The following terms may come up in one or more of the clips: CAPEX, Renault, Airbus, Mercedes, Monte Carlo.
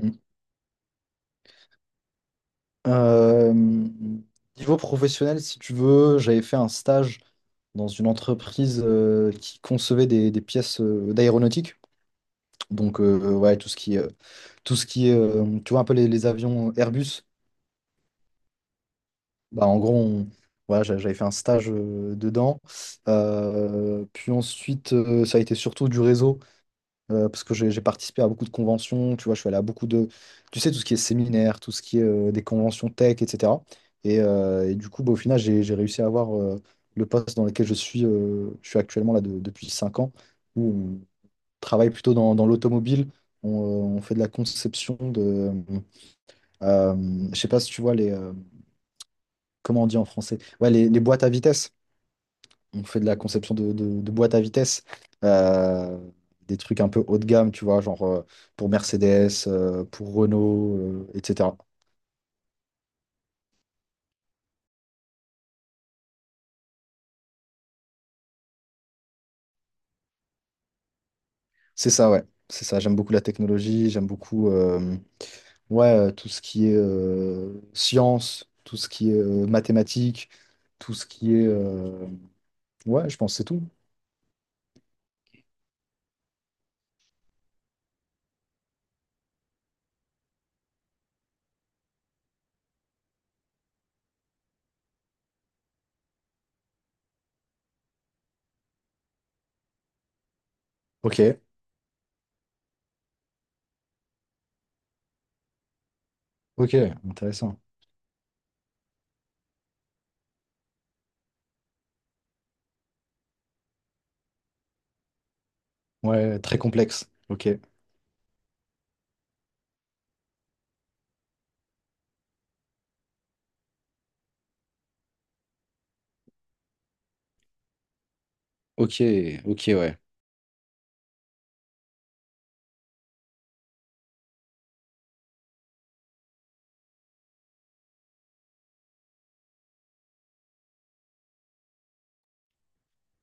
Mm. Euh, Niveau professionnel, si tu veux, j'avais fait un stage dans une entreprise qui concevait des pièces d'aéronautique. Donc, ouais, tout ce qui est, tu vois, un peu les avions Airbus. Bah, en gros, voilà, j'avais fait un stage dedans. Puis ensuite, ça a été surtout du réseau. Parce que j'ai participé à beaucoup de conventions, tu vois, je suis allé à beaucoup de, tu sais, tout ce qui est séminaire, tout ce qui est des conventions tech, etc. Et du coup, bah, au final, j'ai réussi à avoir le poste dans lequel je suis actuellement là depuis 5 ans, où on travaille plutôt dans, dans l'automobile, on fait de la conception de, euh, je sais pas si tu vois les, comment on dit en français, ouais, les boîtes à vitesse. On fait de la conception de boîtes à vitesse, euh, des trucs un peu haut de gamme, tu vois, genre pour Mercedes, pour Renault, etc. C'est ça, ouais, c'est ça. J'aime beaucoup la technologie, j'aime beaucoup ouais, tout ce qui est science, tout ce qui est mathématiques, tout ce qui est... ouais, je pense que c'est tout. Ok, ok, intéressant. Ouais, très complexe. Ok, ok, ok, ouais.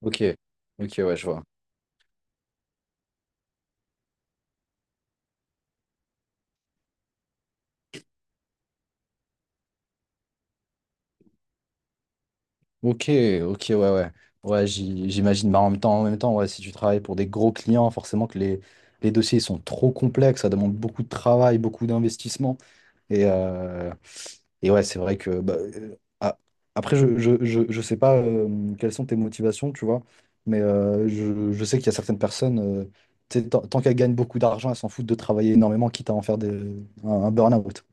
Ok, ok, ouais, je vois. Ok, ok, ouais, ouais. Ouais, j'imagine. Bah, en même temps, ouais, si tu travailles pour des gros clients, forcément que les dossiers sont trop complexes, ça demande beaucoup de travail, beaucoup d'investissement. Et, euh, et ouais, c'est vrai que bah, après, je sais pas quelles sont tes motivations, tu vois, mais je sais qu'il y a certaines personnes, tu sais, tant qu'elles gagnent beaucoup d'argent, elles s'en foutent de travailler énormément, quitte à en faire un burn-out.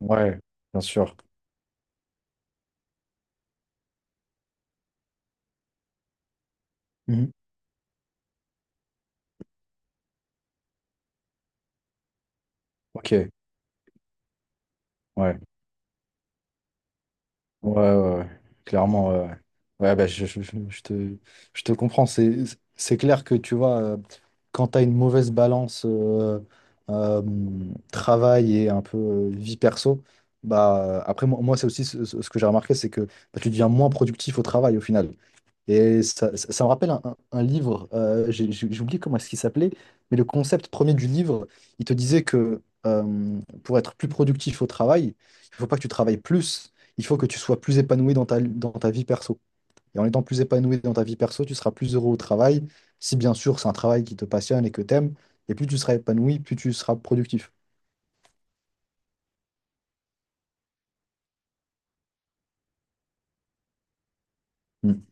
Ouais, bien sûr. Mhm. Ok, ouais. Ouais, ouais, ouais. Clairement, ouais. Ouais, ouais, bah, je te comprends. C'est clair que tu vois, quand tu as une mauvaise balance euh, travail et un peu vie perso, bah, après, moi, c'est aussi ce, ce que j'ai remarqué, c'est que bah, tu deviens moins productif au travail au final. Et ça, ça me rappelle un, un livre, j'ai oublié comment est-ce qu'il s'appelait, mais le concept premier du livre, il te disait que pour être plus productif au travail, il faut pas que tu travailles plus, il faut que tu sois plus épanoui dans ta vie perso. Et en étant plus épanoui dans ta vie perso, tu seras plus heureux au travail, si bien sûr c'est un travail qui te passionne et que t'aimes, et plus tu seras épanoui, plus tu seras productif. Mm.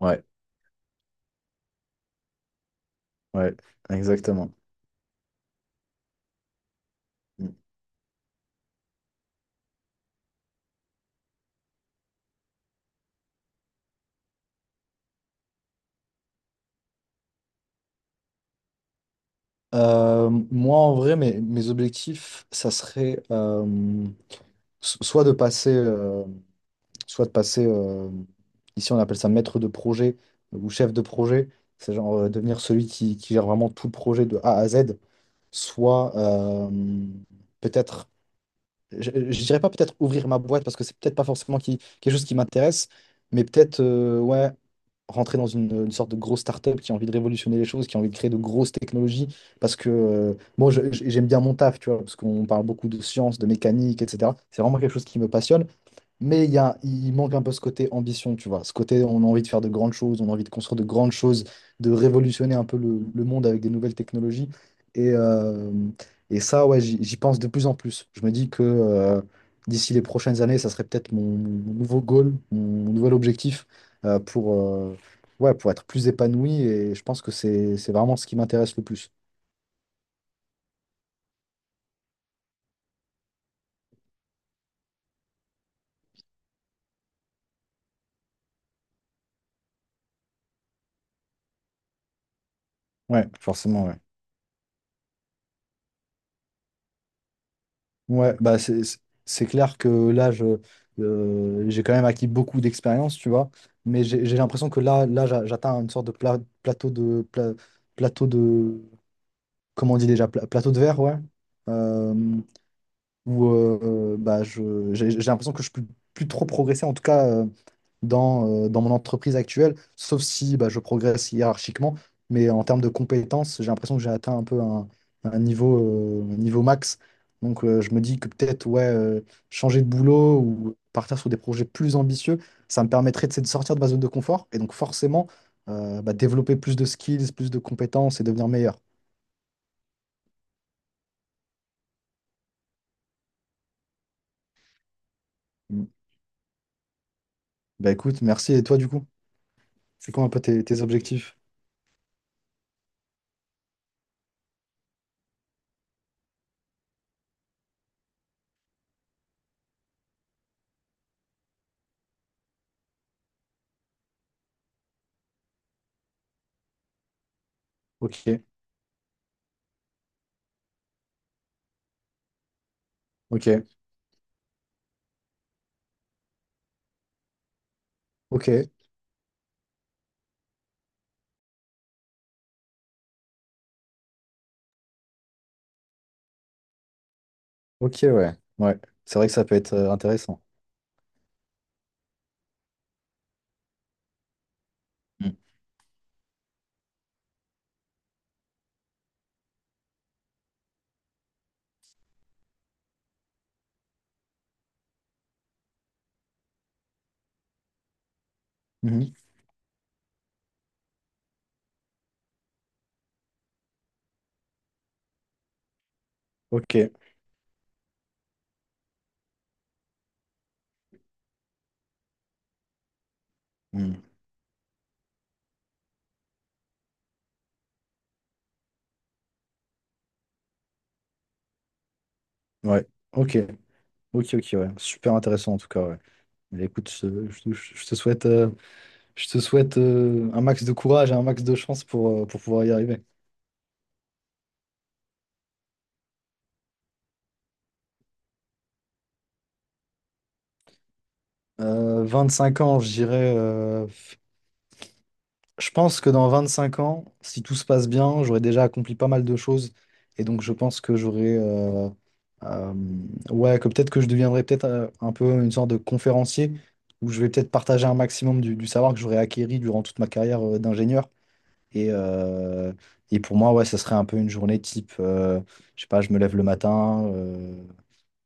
Ouais, ouais, exactement. Mm. Moi, en vrai, mes objectifs, ça serait... so- soit de passer, euh, soit de passer ici on appelle ça maître de projet ou chef de projet, c'est genre devenir celui qui gère vraiment tout le projet de A à Z, soit peut-être, je dirais pas peut-être ouvrir ma boîte parce que c'est peut-être pas forcément quelque chose qui m'intéresse, mais peut-être ouais, rentrer dans une sorte de grosse start-up qui a envie de révolutionner les choses, qui a envie de créer de grosses technologies, parce que j'aime bien mon taf, tu vois, parce qu'on parle beaucoup de sciences, de mécanique, etc. C'est vraiment quelque chose qui me passionne. Mais il y a, il manque un peu ce côté ambition, tu vois. Ce côté, on a envie de faire de grandes choses, on a envie de construire de grandes choses, de révolutionner un peu le monde avec des nouvelles technologies. Et, euh, et ça, ouais, j'y pense de plus en plus. Je me dis que d'ici les prochaines années, ça serait peut-être mon, mon nouveau goal, mon nouvel objectif euh, pour, euh, ouais, pour être plus épanoui. Et je pense que c'est vraiment ce qui m'intéresse le plus. Ouais, forcément, ouais. Ouais, bah c'est clair que là, j'ai quand même acquis beaucoup d'expérience, tu vois, mais j'ai l'impression que là, j'atteins une sorte de plateau de... plateau de... Comment on dit déjà? Plateau de verre, ouais. Euh, où bah, j'ai l'impression que je peux plus trop progresser, en tout cas dans, dans mon entreprise actuelle, sauf si bah, je progresse hiérarchiquement. Mais en termes de compétences, j'ai l'impression que j'ai atteint un peu un niveau, un niveau max. Donc je me dis que peut-être ouais, changer de boulot ou partir sur des projets plus ambitieux, ça me permettrait tu sais, de sortir de ma zone de confort et donc forcément bah, développer plus de skills, plus de compétences et devenir meilleur. Mm. Bah écoute, merci. Et toi du coup, c'est quoi un peu tes tes objectifs? Ok. Ok, ok, ok, ouais. Ouais. C'est vrai que ça peut être intéressant. Mm. Mhm. Ok. Mm. Ouais. Ok. Ok, ok, ouais. Super intéressant en tout cas, ouais. Mais écoute, je te souhaite un max de courage et un max de chance pour pouvoir y arriver. 5 ans, je dirais. Je pense que dans 25 ans, si tout se passe bien, j'aurai déjà accompli pas mal de choses. Et donc, je pense que j'aurai. Euh, ouais, que peut-être que je deviendrai peut-être un peu une sorte de conférencier où je vais peut-être partager un maximum du savoir que j'aurais acquéri durant toute ma carrière d'ingénieur. Et, euh, et pour moi, ouais, ça serait un peu une journée type. Je sais pas, je me lève le matin.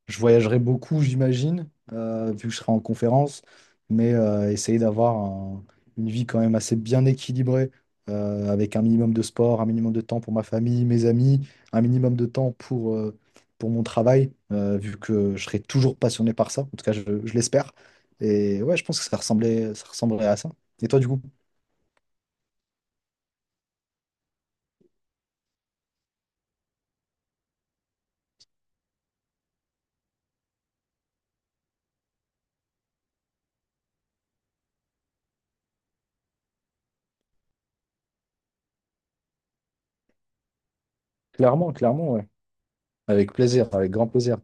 Je voyagerai beaucoup, j'imagine, vu que je serai en conférence, mais une vie quand même assez bien équilibrée, avec un minimum de sport, un minimum de temps pour ma famille, mes amis, un minimum de temps pour mon travail, vu que je serai toujours passionné par ça, en tout cas je l'espère. Et ouais, je pense que ça ressemblait, ça ressemblerait à ça. Et toi, du coup? Clairement, clairement, ouais. Avec plaisir, avec grand plaisir.